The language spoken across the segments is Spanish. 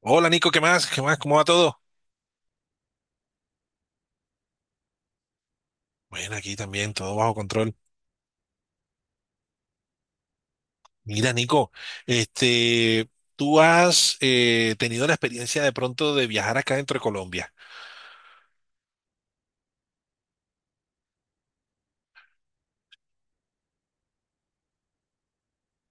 Hola Nico, ¿qué más? ¿Qué más? ¿Cómo va todo? Bueno, aquí también, todo bajo control. Mira, Nico, este, tú has tenido la experiencia de pronto de viajar acá dentro de Colombia.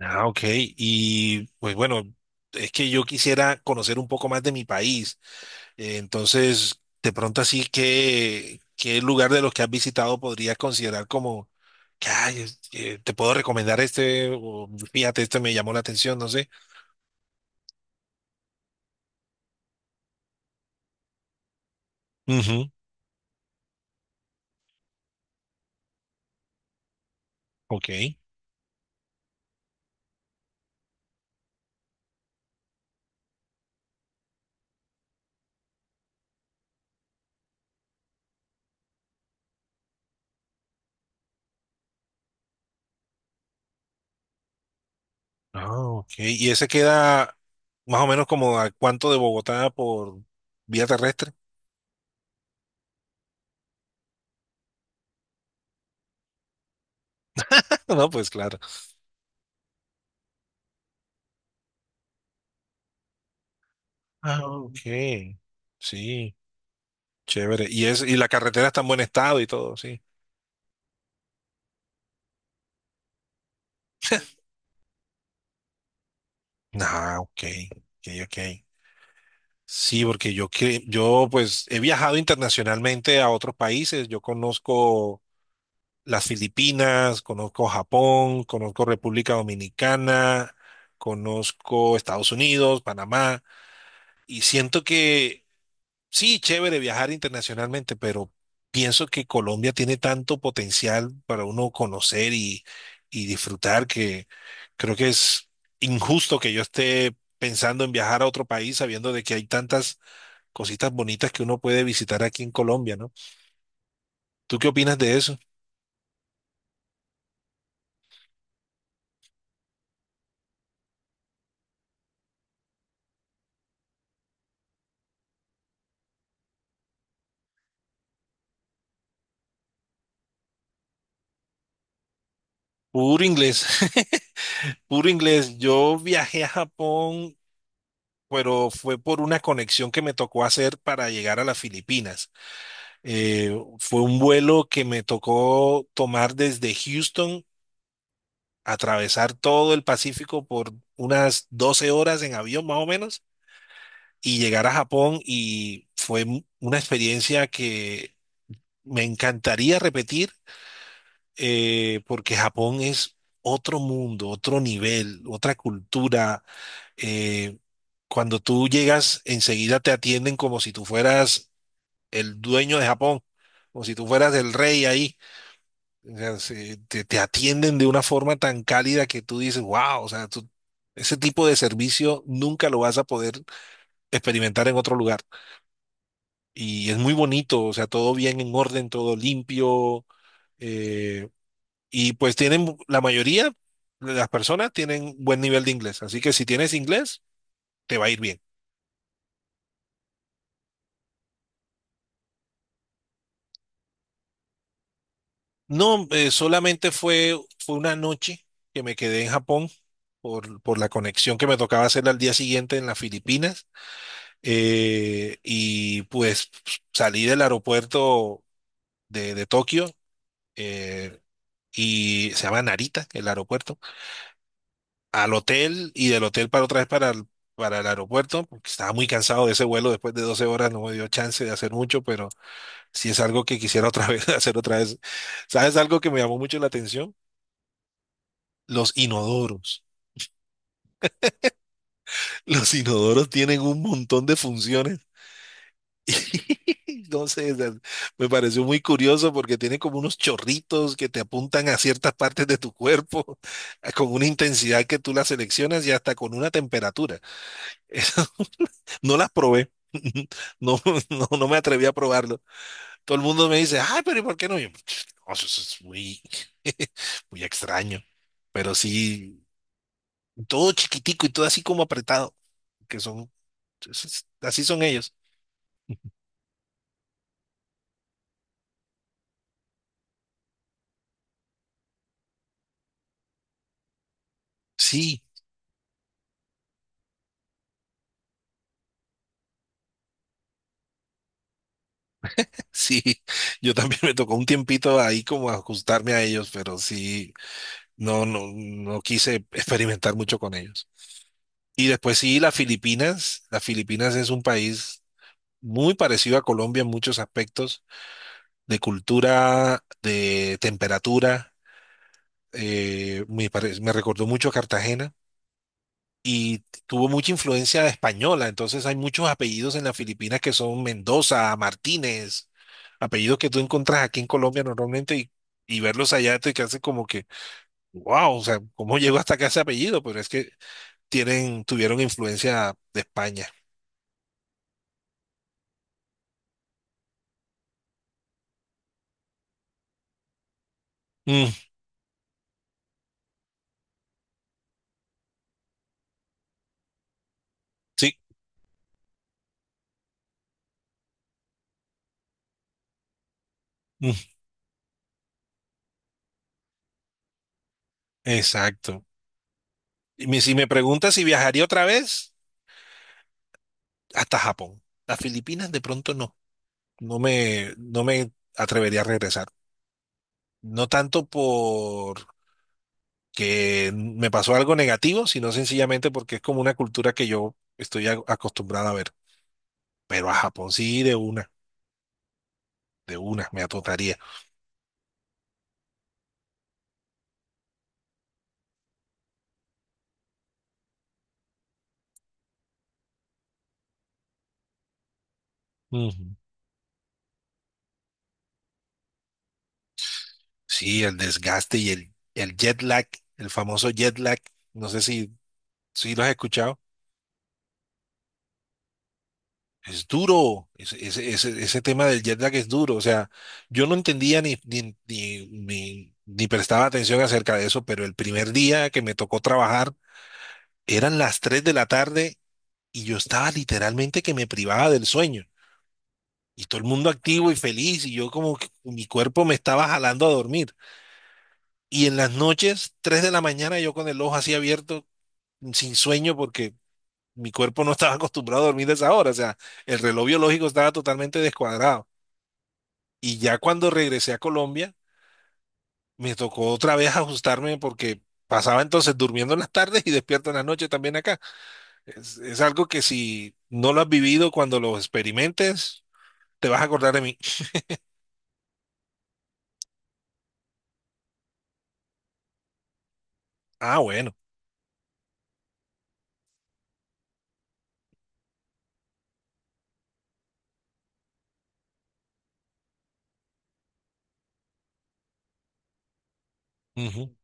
Ah, ok. Y pues bueno, es que yo quisiera conocer un poco más de mi país. Entonces, de pronto así que, ¿qué lugar de los que has visitado podrías considerar como, que "Ay, te puedo recomendar este, o fíjate, este me llamó la atención, no sé. Ujú. Ok. Ah, ok. ¿Y ese queda más o menos como a cuánto de Bogotá por vía terrestre? No, pues claro. Ah, ok. Sí, chévere. Y es, y la carretera está en buen estado y todo, sí. Ah, ok. Ok, ok. Sí, porque yo pues he viajado internacionalmente a otros países. Yo conozco las Filipinas, conozco Japón, conozco República Dominicana, conozco Estados Unidos, Panamá, y siento que sí, chévere viajar internacionalmente, pero pienso que Colombia tiene tanto potencial para uno conocer y disfrutar que creo que es injusto que yo esté pensando en viajar a otro país sabiendo de que hay tantas cositas bonitas que uno puede visitar aquí en Colombia, ¿no? ¿Tú qué opinas de eso? Puro inglés. Puro inglés. Yo viajé a Japón, pero fue por una conexión que me tocó hacer para llegar a las Filipinas. Fue un vuelo que me tocó tomar desde Houston, atravesar todo el Pacífico por unas 12 horas en avión más o menos y llegar a Japón, y fue una experiencia que me encantaría repetir, porque Japón es otro mundo, otro nivel, otra cultura. eh, Cuando tú llegas, enseguida te atienden como si tú fueras el dueño de Japón, como si tú fueras el rey ahí. O sea, te atienden de una forma tan cálida que tú dices, wow, o sea, ese tipo de servicio nunca lo vas a poder experimentar en otro lugar. Y es muy bonito, o sea, todo bien en orden, todo limpio. eh, y pues tienen, la mayoría de las personas tienen buen nivel de inglés. Así que si tienes inglés, te va a ir bien. No, solamente fue una noche que me quedé en Japón por la conexión que me tocaba hacer al día siguiente en las Filipinas. Y pues salí del aeropuerto de Tokio, eh, y se llama Narita, el aeropuerto, al hotel y del hotel para otra vez para el aeropuerto, porque estaba muy cansado de ese vuelo después de 12 horas, no me dio chance de hacer mucho, pero sí es algo que quisiera otra vez hacer otra vez. ¿Sabes algo que me llamó mucho la atención? Los inodoros. Los inodoros tienen un montón de funciones. Entonces sé, me pareció muy curioso porque tiene como unos chorritos que te apuntan a ciertas partes de tu cuerpo con una intensidad que tú las seleccionas y hasta con una temperatura. Eso, no las probé. No, no, no me atreví a probarlo. Todo el mundo me dice, ay, pero ¿y por qué no? Y yo, "No, eso es muy, muy extraño. Pero sí, todo chiquitico y todo así como apretado, que son, así son ellos. Sí. Sí, yo también me tocó un tiempito ahí como ajustarme a ellos, pero sí, no, no, no quise experimentar mucho con ellos. Y después sí, las Filipinas. Las Filipinas es un país muy parecido a Colombia en muchos aspectos, de cultura, de temperatura. Me recordó mucho a Cartagena. Y tuvo mucha influencia española, entonces hay muchos apellidos en las Filipinas que son Mendoza, Martínez, apellidos que tú encuentras aquí en Colombia normalmente y verlos allá te hace como que, wow, o sea, ¿cómo llegó hasta acá ese apellido? Pero es que tuvieron influencia de España. Mm, sí, mm, exacto. Y si me preguntas si viajaría otra vez, hasta Japón. Las Filipinas de pronto no, no me atrevería a regresar. No tanto por que me pasó algo negativo, sino sencillamente porque es como una cultura que yo estoy acostumbrado a ver. Pero a Japón sí, de una, me atotaría. Ujú. Sí, el desgaste y el jet lag, el famoso jet lag, no sé si lo has escuchado, es duro, ese tema del jet lag es duro, o sea, yo no entendía ni prestaba atención acerca de eso, pero el primer día que me tocó trabajar eran las 3 de la tarde y yo estaba literalmente que me privaba del sueño. Y todo el mundo activo y feliz, y yo como que mi cuerpo me estaba jalando a dormir. Y en las noches, 3 de la mañana, yo con el ojo así abierto, sin sueño, porque mi cuerpo no estaba acostumbrado a dormir a esa hora. O sea, el reloj biológico estaba totalmente descuadrado. Y ya cuando regresé a Colombia, me tocó otra vez ajustarme porque pasaba entonces durmiendo en las tardes y despierto en las noches también acá. Es algo que si no lo has vivido cuando lo experimentes, te vas a acordar de mí. Ah, bueno. Ujú.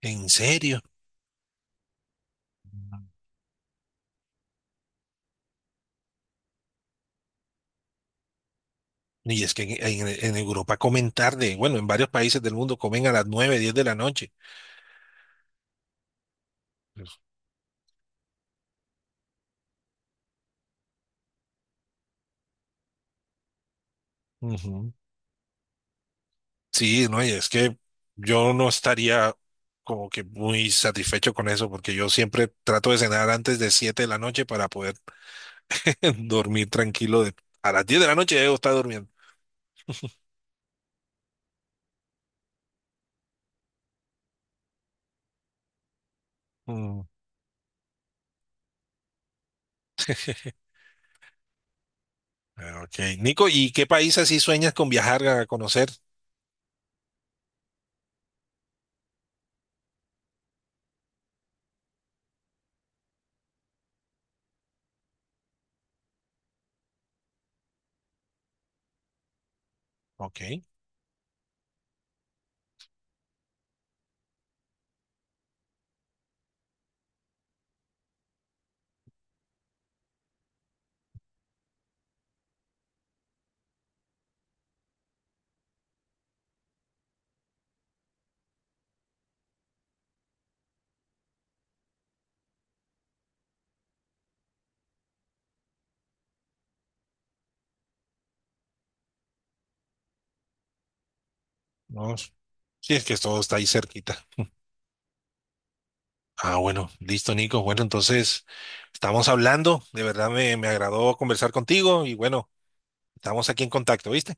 ¿En serio? Y es que en Europa comen tarde. Bueno, en varios países del mundo comen a las 9, 10 de la noche. Ujú. Sí, no, y es que yo no estaría como que muy satisfecho con eso, porque yo siempre trato de cenar antes de 7 de la noche para poder dormir tranquilo. A las 10 de la noche ya debo estar durmiendo. Mm. Ah, ok, Nico, ¿y qué país así sueñas con viajar a conocer? Ok, no, sí, es que todo está ahí cerquita. Ah, bueno, listo, Nico. Bueno, entonces estamos hablando. De verdad me agradó conversar contigo y bueno, estamos aquí en contacto, ¿viste?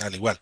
Al igual.